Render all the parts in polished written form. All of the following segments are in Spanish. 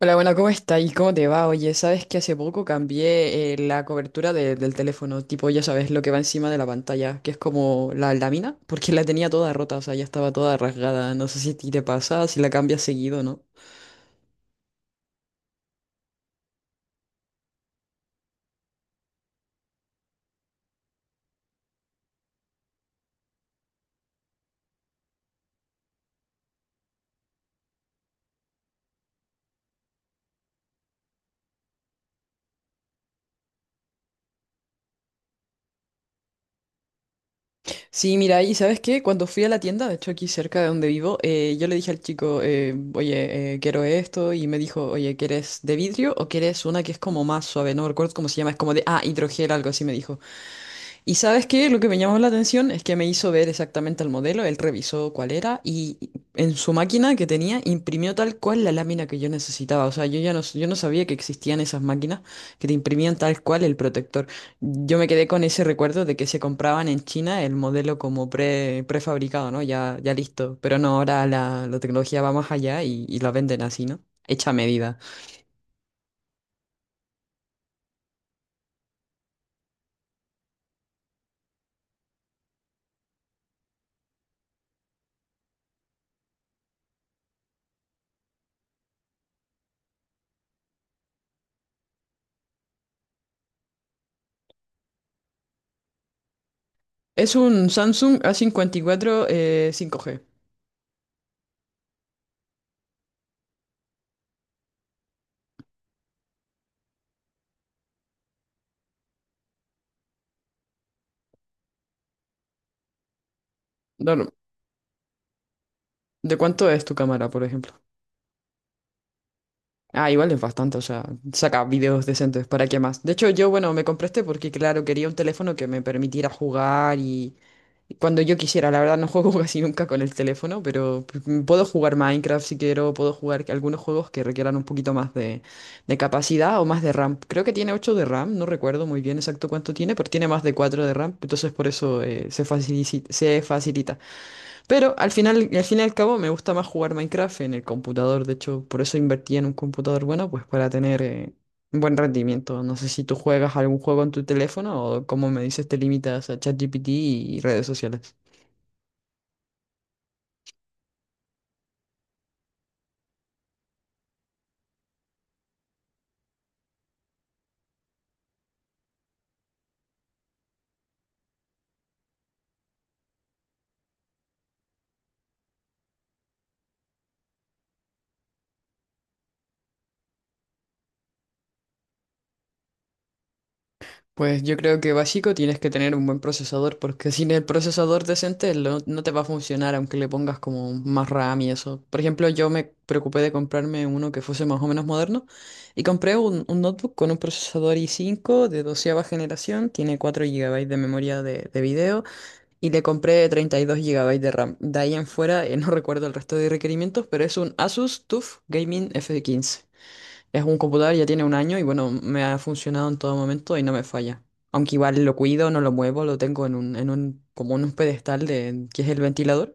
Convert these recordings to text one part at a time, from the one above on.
Hola, bueno, ¿cómo está? ¿Y cómo te va? Oye, sabes que hace poco cambié la cobertura del teléfono, tipo, ya sabes, lo que va encima de la pantalla, que es como la lámina, porque la tenía toda rota, o sea, ya estaba toda rasgada. No sé si a ti te pasa, si la cambias seguido, ¿no? Sí, mira, y ¿sabes qué? Cuando fui a la tienda, de hecho aquí cerca de donde vivo, yo le dije al chico, oye, quiero esto, y me dijo, oye, ¿quieres de vidrio o quieres una que es como más suave? No recuerdo cómo se llama, es como de, ah, hidrogel, algo así me dijo. Y ¿sabes qué? Lo que me llamó la atención es que me hizo ver exactamente el modelo, él revisó cuál era y en su máquina que tenía imprimió tal cual la lámina que yo necesitaba. O sea, yo no sabía que existían esas máquinas que te imprimían tal cual el protector. Yo me quedé con ese recuerdo de que se compraban en China el modelo como prefabricado, ¿no? Ya, ya listo. Pero no, ahora la tecnología va más allá y la venden así, ¿no? Hecha a medida. Es un Samsung A54 cincuenta y cuatro 5G. Dor- ¿De cuánto es tu cámara, por ejemplo? Ah, igual es bastante, o sea, saca videos decentes, ¿para qué más? De hecho, yo, bueno, me compré este porque, claro, quería un teléfono que me permitiera jugar y cuando yo quisiera, la verdad no juego casi nunca con el teléfono, pero puedo jugar Minecraft si quiero, puedo jugar algunos juegos que requieran un poquito más de capacidad o más de RAM. Creo que tiene 8 de RAM, no recuerdo muy bien exacto cuánto tiene, pero tiene más de 4 de RAM, entonces por eso se facilita, se facilita. Pero al final, al fin y al cabo me gusta más jugar Minecraft en el computador, de hecho por eso invertí en un computador bueno, pues para tener un buen rendimiento. No sé si tú juegas algún juego en tu teléfono o como me dices te limitas a ChatGPT y redes sociales. Pues yo creo que básico tienes que tener un buen procesador, porque sin el procesador decente no te va a funcionar, aunque le pongas como más RAM y eso. Por ejemplo, yo me preocupé de comprarme uno que fuese más o menos moderno y compré un notebook con un procesador i5 de doceava generación, tiene 4 GB de memoria de video y le compré 32 GB de RAM. De ahí en fuera, no recuerdo el resto de requerimientos, pero es un Asus TUF Gaming F15. Es un computador, ya tiene un año y bueno, me ha funcionado en todo momento y no me falla. Aunque igual lo cuido, no lo muevo, lo tengo como en un pedestal de, que es el ventilador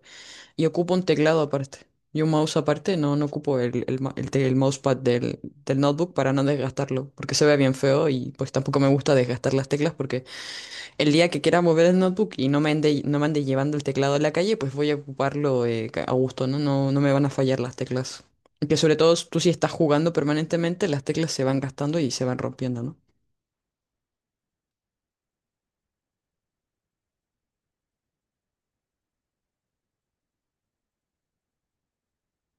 y ocupo un teclado aparte y un mouse aparte, no, no ocupo el, ma- el te- el mousepad del notebook para no desgastarlo, porque se ve bien feo y pues tampoco me gusta desgastar las teclas el día que quiera mover el notebook y no me ande llevando el teclado a la calle, pues voy a ocuparlo a gusto, ¿no? No, no me van a fallar las teclas. Que sobre todo tú si estás jugando permanentemente, las teclas se van gastando y se van rompiendo, ¿no?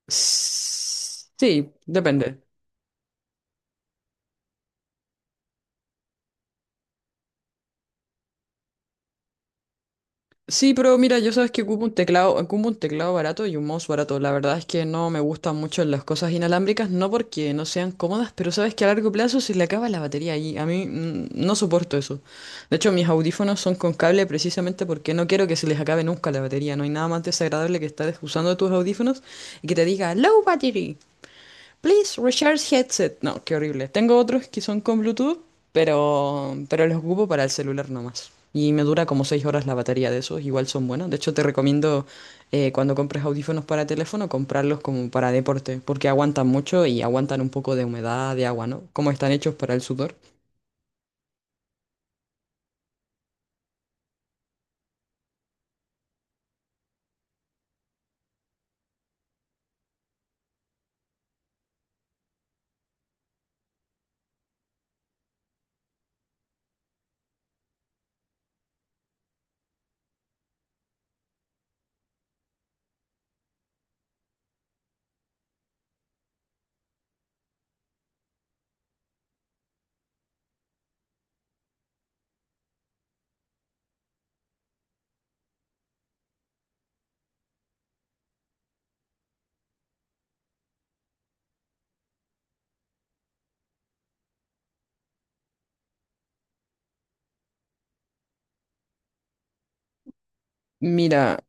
Sí, depende. Sí, pero mira, yo sabes que ocupo un teclado barato y un mouse barato. La verdad es que no me gustan mucho las cosas inalámbricas, no porque no sean cómodas, pero sabes que a largo plazo se le acaba la batería y a mí no soporto eso. De hecho, mis audífonos son con cable precisamente porque no quiero que se les acabe nunca la batería. No hay nada más desagradable que estar usando tus audífonos y que te diga low battery. Please recharge headset. No, qué horrible. Tengo otros que son con Bluetooth, pero los ocupo para el celular nomás. Y me dura como 6 horas la batería de esos. Igual son buenos. De hecho, te recomiendo cuando compres audífonos para teléfono, comprarlos como para deporte, porque aguantan mucho y aguantan un poco de humedad, de agua, ¿no? Como están hechos para el sudor. Mira,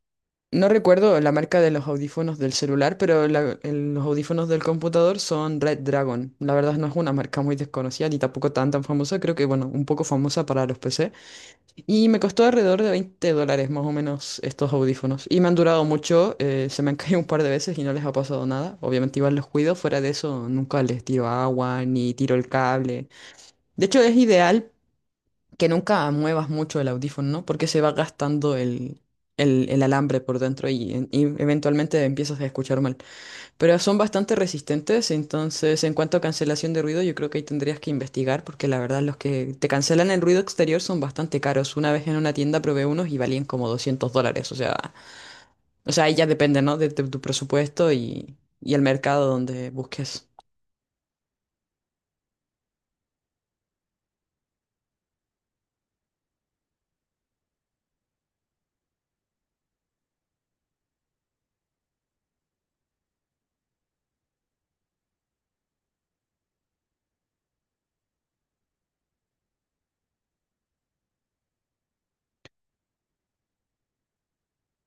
no recuerdo la marca de los audífonos del celular, pero los audífonos del computador son Red Dragon. La verdad no es una marca muy desconocida ni tampoco tan tan famosa, creo que bueno, un poco famosa para los PC. Y me costó alrededor de $20 más o menos estos audífonos. Y me han durado mucho, se me han caído un par de veces y no les ha pasado nada. Obviamente igual los cuido, fuera de eso nunca les tiro agua ni tiro el cable. De hecho es ideal que nunca muevas mucho el audífono, ¿no? Porque se va gastando el alambre por dentro y eventualmente empiezas a escuchar mal. Pero son bastante resistentes, entonces en cuanto a cancelación de ruido, yo creo que ahí tendrías que investigar, porque la verdad los que te cancelan el ruido exterior son bastante caros. Una vez en una tienda probé unos y valían como $200, o sea, ahí ya depende, ¿no? De, tu presupuesto y el mercado donde busques.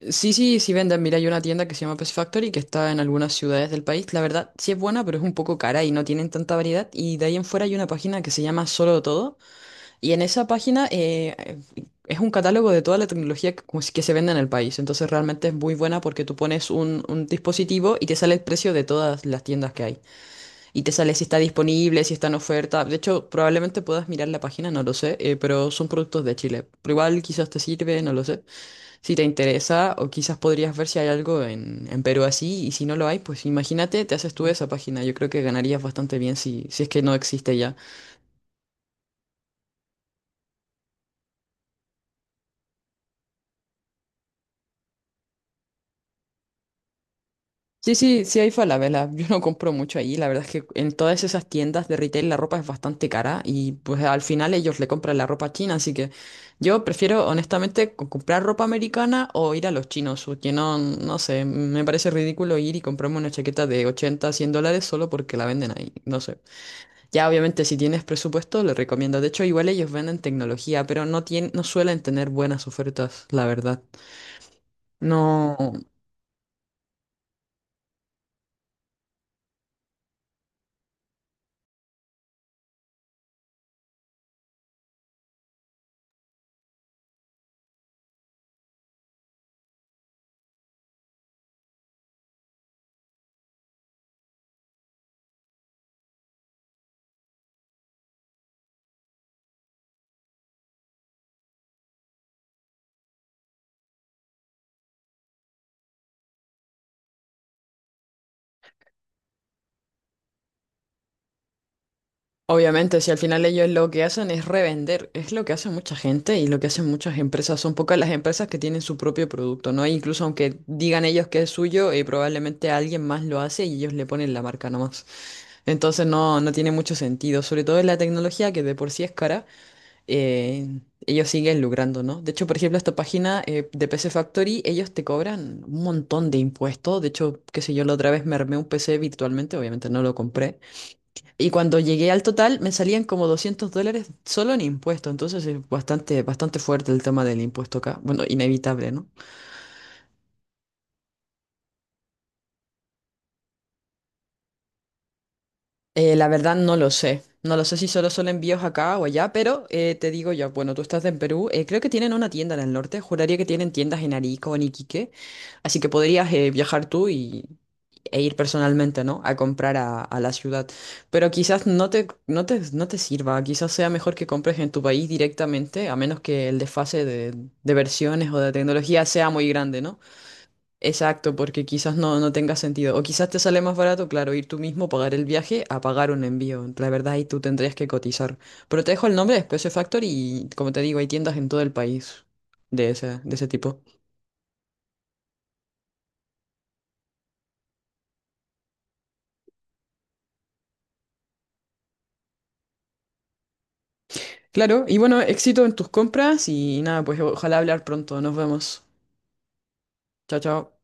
Sí, sí, sí venden. Mira, hay una tienda que se llama Pet Factory que está en algunas ciudades del país. La verdad, sí es buena, pero es un poco cara y no tienen tanta variedad. Y de ahí en fuera hay una página que se llama Solo Todo. Y en esa página es un catálogo de toda la tecnología que, pues, que se vende en el país. Entonces realmente es muy buena porque tú pones un dispositivo y te sale el precio de todas las tiendas que hay. Y te sale si está disponible, si está en oferta. De hecho, probablemente puedas mirar la página, no lo sé, pero son productos de Chile. Pero igual quizás te sirve, no lo sé. Si te interesa, o quizás podrías ver si hay algo en Perú así, y si no lo hay, pues imagínate, te haces tú esa página. Yo creo que ganarías bastante bien si es que no existe ya. Sí, sí, sí hay Falabella. Yo no compro mucho ahí. La verdad es que en todas esas tiendas de retail la ropa es bastante cara y pues al final ellos le compran la ropa a china, así que yo prefiero honestamente comprar ropa americana o ir a los chinos, porque no, no sé, me parece ridículo ir y comprarme una chaqueta de 80 100 dólares solo porque la venden ahí. No sé. Ya, obviamente, si tienes presupuesto, le recomiendo. De hecho, igual ellos venden tecnología, pero no suelen tener buenas ofertas, la verdad. No, obviamente, si al final ellos lo que hacen es revender, es lo que hace mucha gente y lo que hacen muchas empresas. Son pocas las empresas que tienen su propio producto, ¿no? E incluso aunque digan ellos que es suyo, probablemente alguien más lo hace y ellos le ponen la marca nomás. Entonces no, no tiene mucho sentido, sobre todo en la tecnología que de por sí es cara. eh, ellos siguen lucrando, ¿no? De hecho, por ejemplo, esta página de PC Factory, ellos te cobran un montón de impuestos. De hecho, qué sé yo, la otra vez me armé un PC virtualmente, obviamente no lo compré. Y cuando llegué al total, me salían como $200 solo en impuestos. Entonces es bastante, bastante fuerte el tema del impuesto acá. Bueno, inevitable, ¿no? La verdad no lo sé. No lo sé si solo son envíos acá o allá, pero te digo yo, bueno, tú estás en Perú, creo que tienen una tienda en el norte, juraría que tienen tiendas en Arica o en Iquique, así que podrías viajar tú e ir personalmente, ¿no? A comprar a la ciudad. Pero quizás no te sirva, quizás sea mejor que compres en tu país directamente, a menos que el desfase de versiones o de tecnología sea muy grande, ¿no? Exacto, porque quizás no, no tenga sentido. O quizás te sale más barato, claro, ir tú mismo, pagar el viaje, a pagar un envío. La verdad, ahí tú tendrías que cotizar. Pero te dejo el nombre de Space Factory y, como te digo, hay tiendas en todo el país de ese tipo. Claro, y bueno, éxito en tus compras y nada, pues ojalá hablar pronto. Nos vemos. Chao, chao.